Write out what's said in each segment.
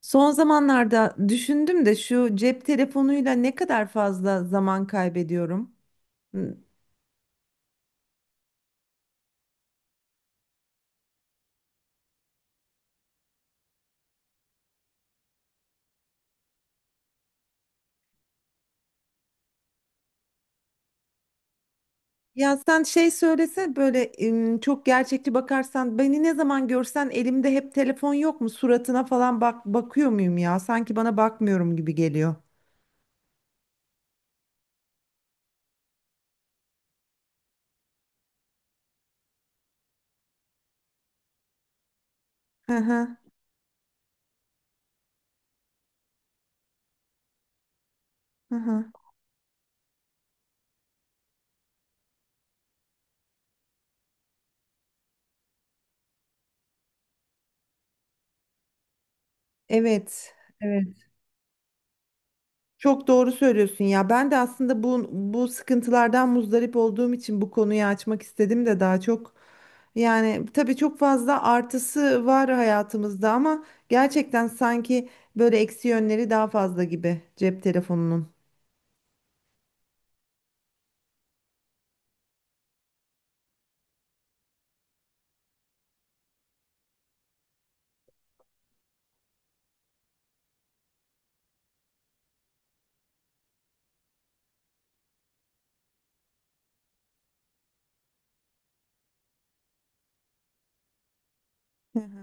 Son zamanlarda düşündüm de şu cep telefonuyla ne kadar fazla zaman kaybediyorum. Hı. Ya sen çok gerçekçi bakarsan beni ne zaman görsen elimde hep telefon yok mu? Suratına falan bak bakıyor muyum ya? Sanki bana bakmıyorum gibi geliyor. Hı hı. Hı hı. Evet, evet. Çok doğru söylüyorsun ya. Ben de aslında bu sıkıntılardan muzdarip olduğum için bu konuyu açmak istedim de daha çok yani tabii çok fazla artısı var hayatımızda ama gerçekten sanki böyle eksi yönleri daha fazla gibi cep telefonunun. Hı.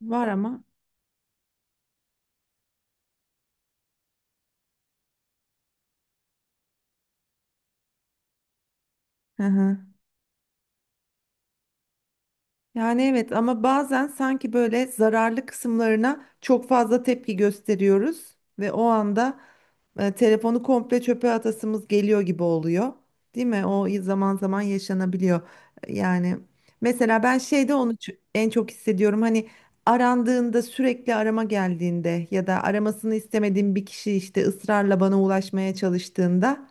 Var ama. Hı hı. Yani evet ama bazen sanki böyle zararlı kısımlarına çok fazla tepki gösteriyoruz ve o anda telefonu komple çöpe atasımız geliyor gibi oluyor. Değil mi? O zaman zaman yaşanabiliyor. Yani mesela ben şeyde onu en çok hissediyorum. Hani arandığında sürekli arama geldiğinde ya da aramasını istemediğim bir kişi işte ısrarla bana ulaşmaya çalıştığında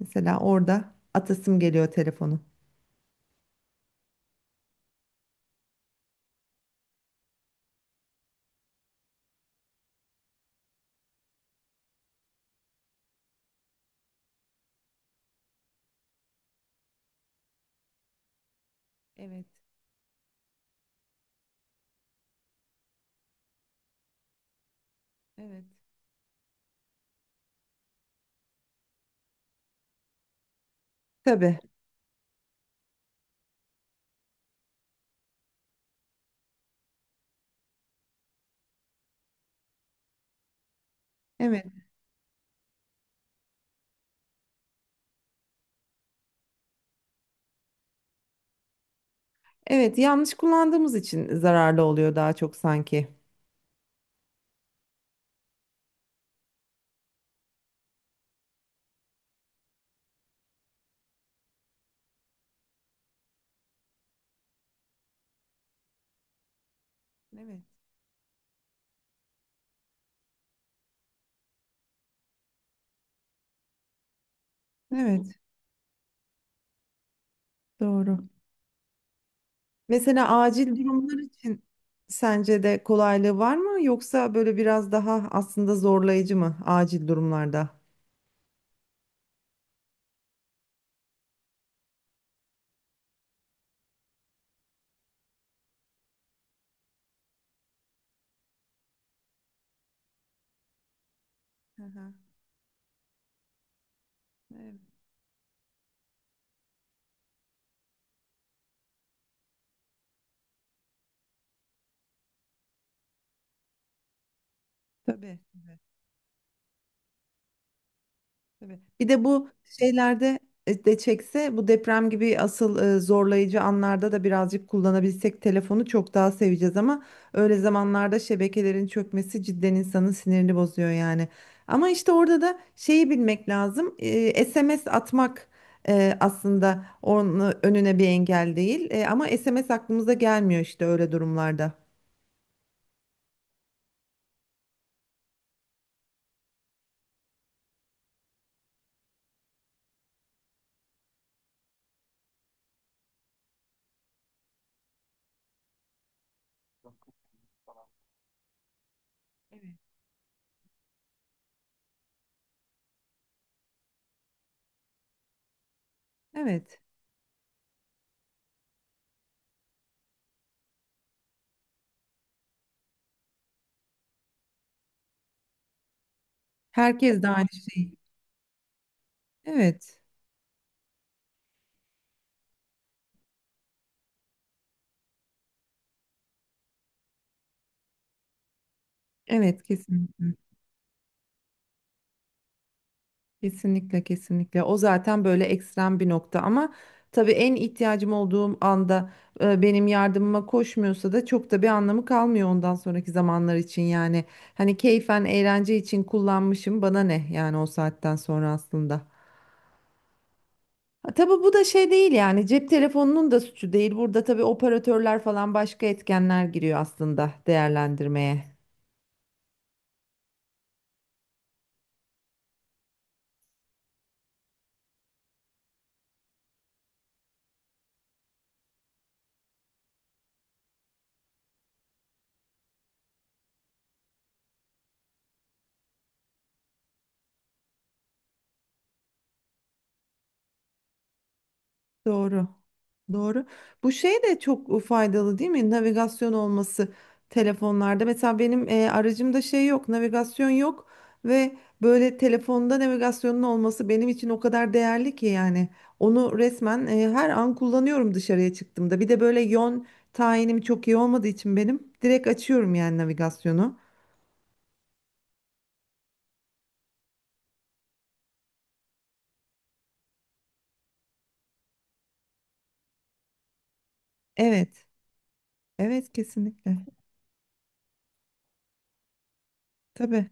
mesela orada atasım geliyor telefonu. Evet, evet. Tabii. Evet. Evet, yanlış kullandığımız için zararlı oluyor daha çok sanki. Evet. Evet, doğru. Mesela acil durumlar için sence de kolaylığı var mı yoksa böyle biraz daha aslında zorlayıcı mı acil durumlarda? Hı hı, evet, tabii. Tabii. Bir de bu şeylerde de çekse bu deprem gibi asıl zorlayıcı anlarda da birazcık kullanabilsek telefonu çok daha seveceğiz ama öyle zamanlarda şebekelerin çökmesi cidden insanın sinirini bozuyor yani. Ama işte orada da şeyi bilmek lazım. SMS atmak aslında onun önüne bir engel değil. Ama SMS aklımıza gelmiyor işte öyle durumlarda. Evet. Evet. Herkes de aynı şeyi. Evet. Evet, kesinlikle. Kesinlikle, kesinlikle, o zaten böyle ekstrem bir nokta ama tabii en ihtiyacım olduğum anda benim yardımıma koşmuyorsa da çok da bir anlamı kalmıyor ondan sonraki zamanlar için yani hani keyfen eğlence için kullanmışım bana ne yani o saatten sonra aslında. Ha, tabii bu da şey değil yani cep telefonunun da suçu değil burada tabii operatörler falan başka etkenler giriyor aslında değerlendirmeye. Doğru. Doğru. Bu şey de çok faydalı değil mi? Navigasyon olması telefonlarda. Mesela benim aracımda şey yok, navigasyon yok ve böyle telefonda navigasyonun olması benim için o kadar değerli ki yani. Onu resmen her an kullanıyorum dışarıya çıktığımda. Bir de böyle yön tayinim çok iyi olmadığı için benim direkt açıyorum yani navigasyonu. Evet. Evet, kesinlikle. Tabii.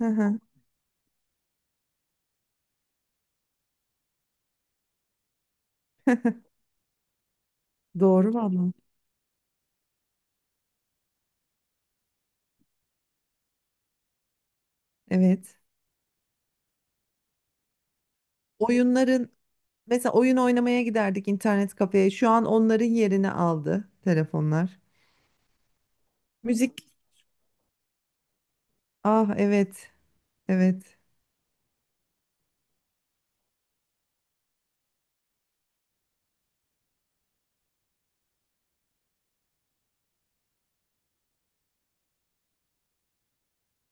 Hı hı. Doğru vallahi. Evet. Oyunların. Mesela oyun oynamaya giderdik internet kafeye. Şu an onların yerini aldı telefonlar. Müzik. Ah evet. Evet.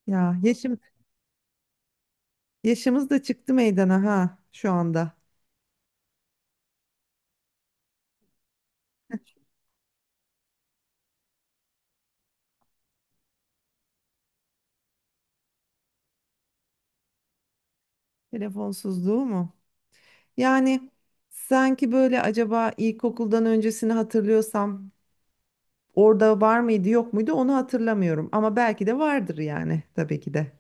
Ya yaşım, yaşımız da çıktı meydana ha şu anda. Telefonsuzluğu mu? Yani sanki böyle acaba ilkokuldan öncesini hatırlıyorsam orada var mıydı yok muydu onu hatırlamıyorum. Ama belki de vardır yani tabii ki de.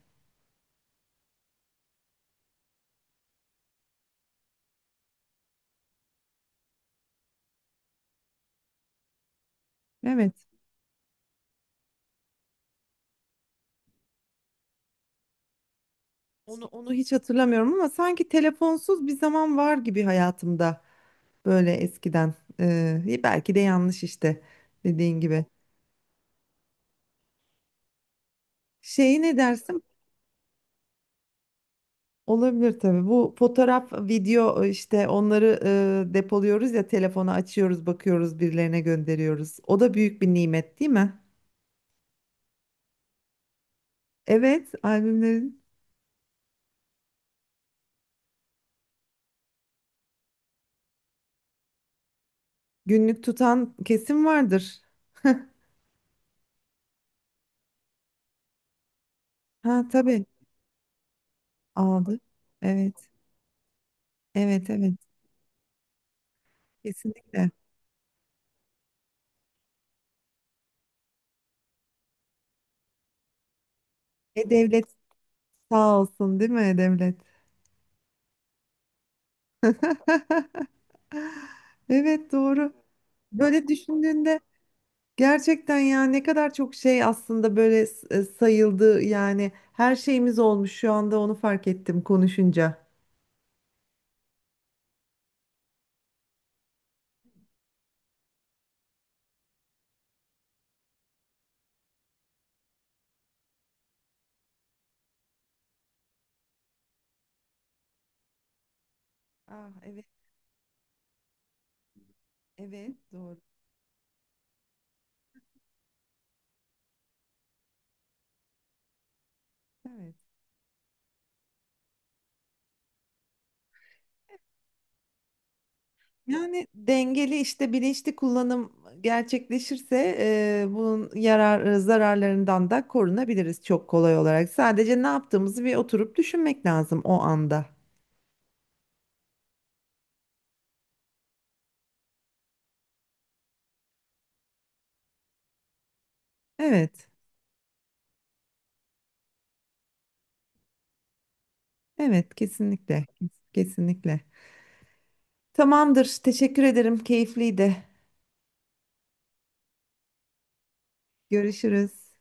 Evet. Onu hiç hatırlamıyorum ama sanki telefonsuz bir zaman var gibi hayatımda. Böyle eskiden. Belki de yanlış işte dediğin gibi. Şeyi ne dersin? Olabilir tabii. Bu fotoğraf, video, işte onları depoluyoruz ya, telefonu açıyoruz, bakıyoruz, birilerine gönderiyoruz. O da büyük bir nimet değil mi? Evet, albümlerin. Günlük tutan kesim vardır. Ha tabii aldı. Evet, evet, evet. Kesinlikle. E devlet sağ olsun değil mi e devlet? Evet, doğru. Böyle düşündüğünde gerçekten ya ne kadar çok şey aslında böyle sayıldı yani her şeyimiz olmuş şu anda onu fark ettim konuşunca. Ah evet, evet, doğru. Evet. Yani dengeli işte bilinçli kullanım gerçekleşirse bunun yarar zararlarından da korunabiliriz çok kolay olarak. Sadece ne yaptığımızı bir oturup düşünmek lazım o anda. Evet, evet kesinlikle, kesinlikle. Tamamdır. Teşekkür ederim. Keyifliydi. Görüşürüz.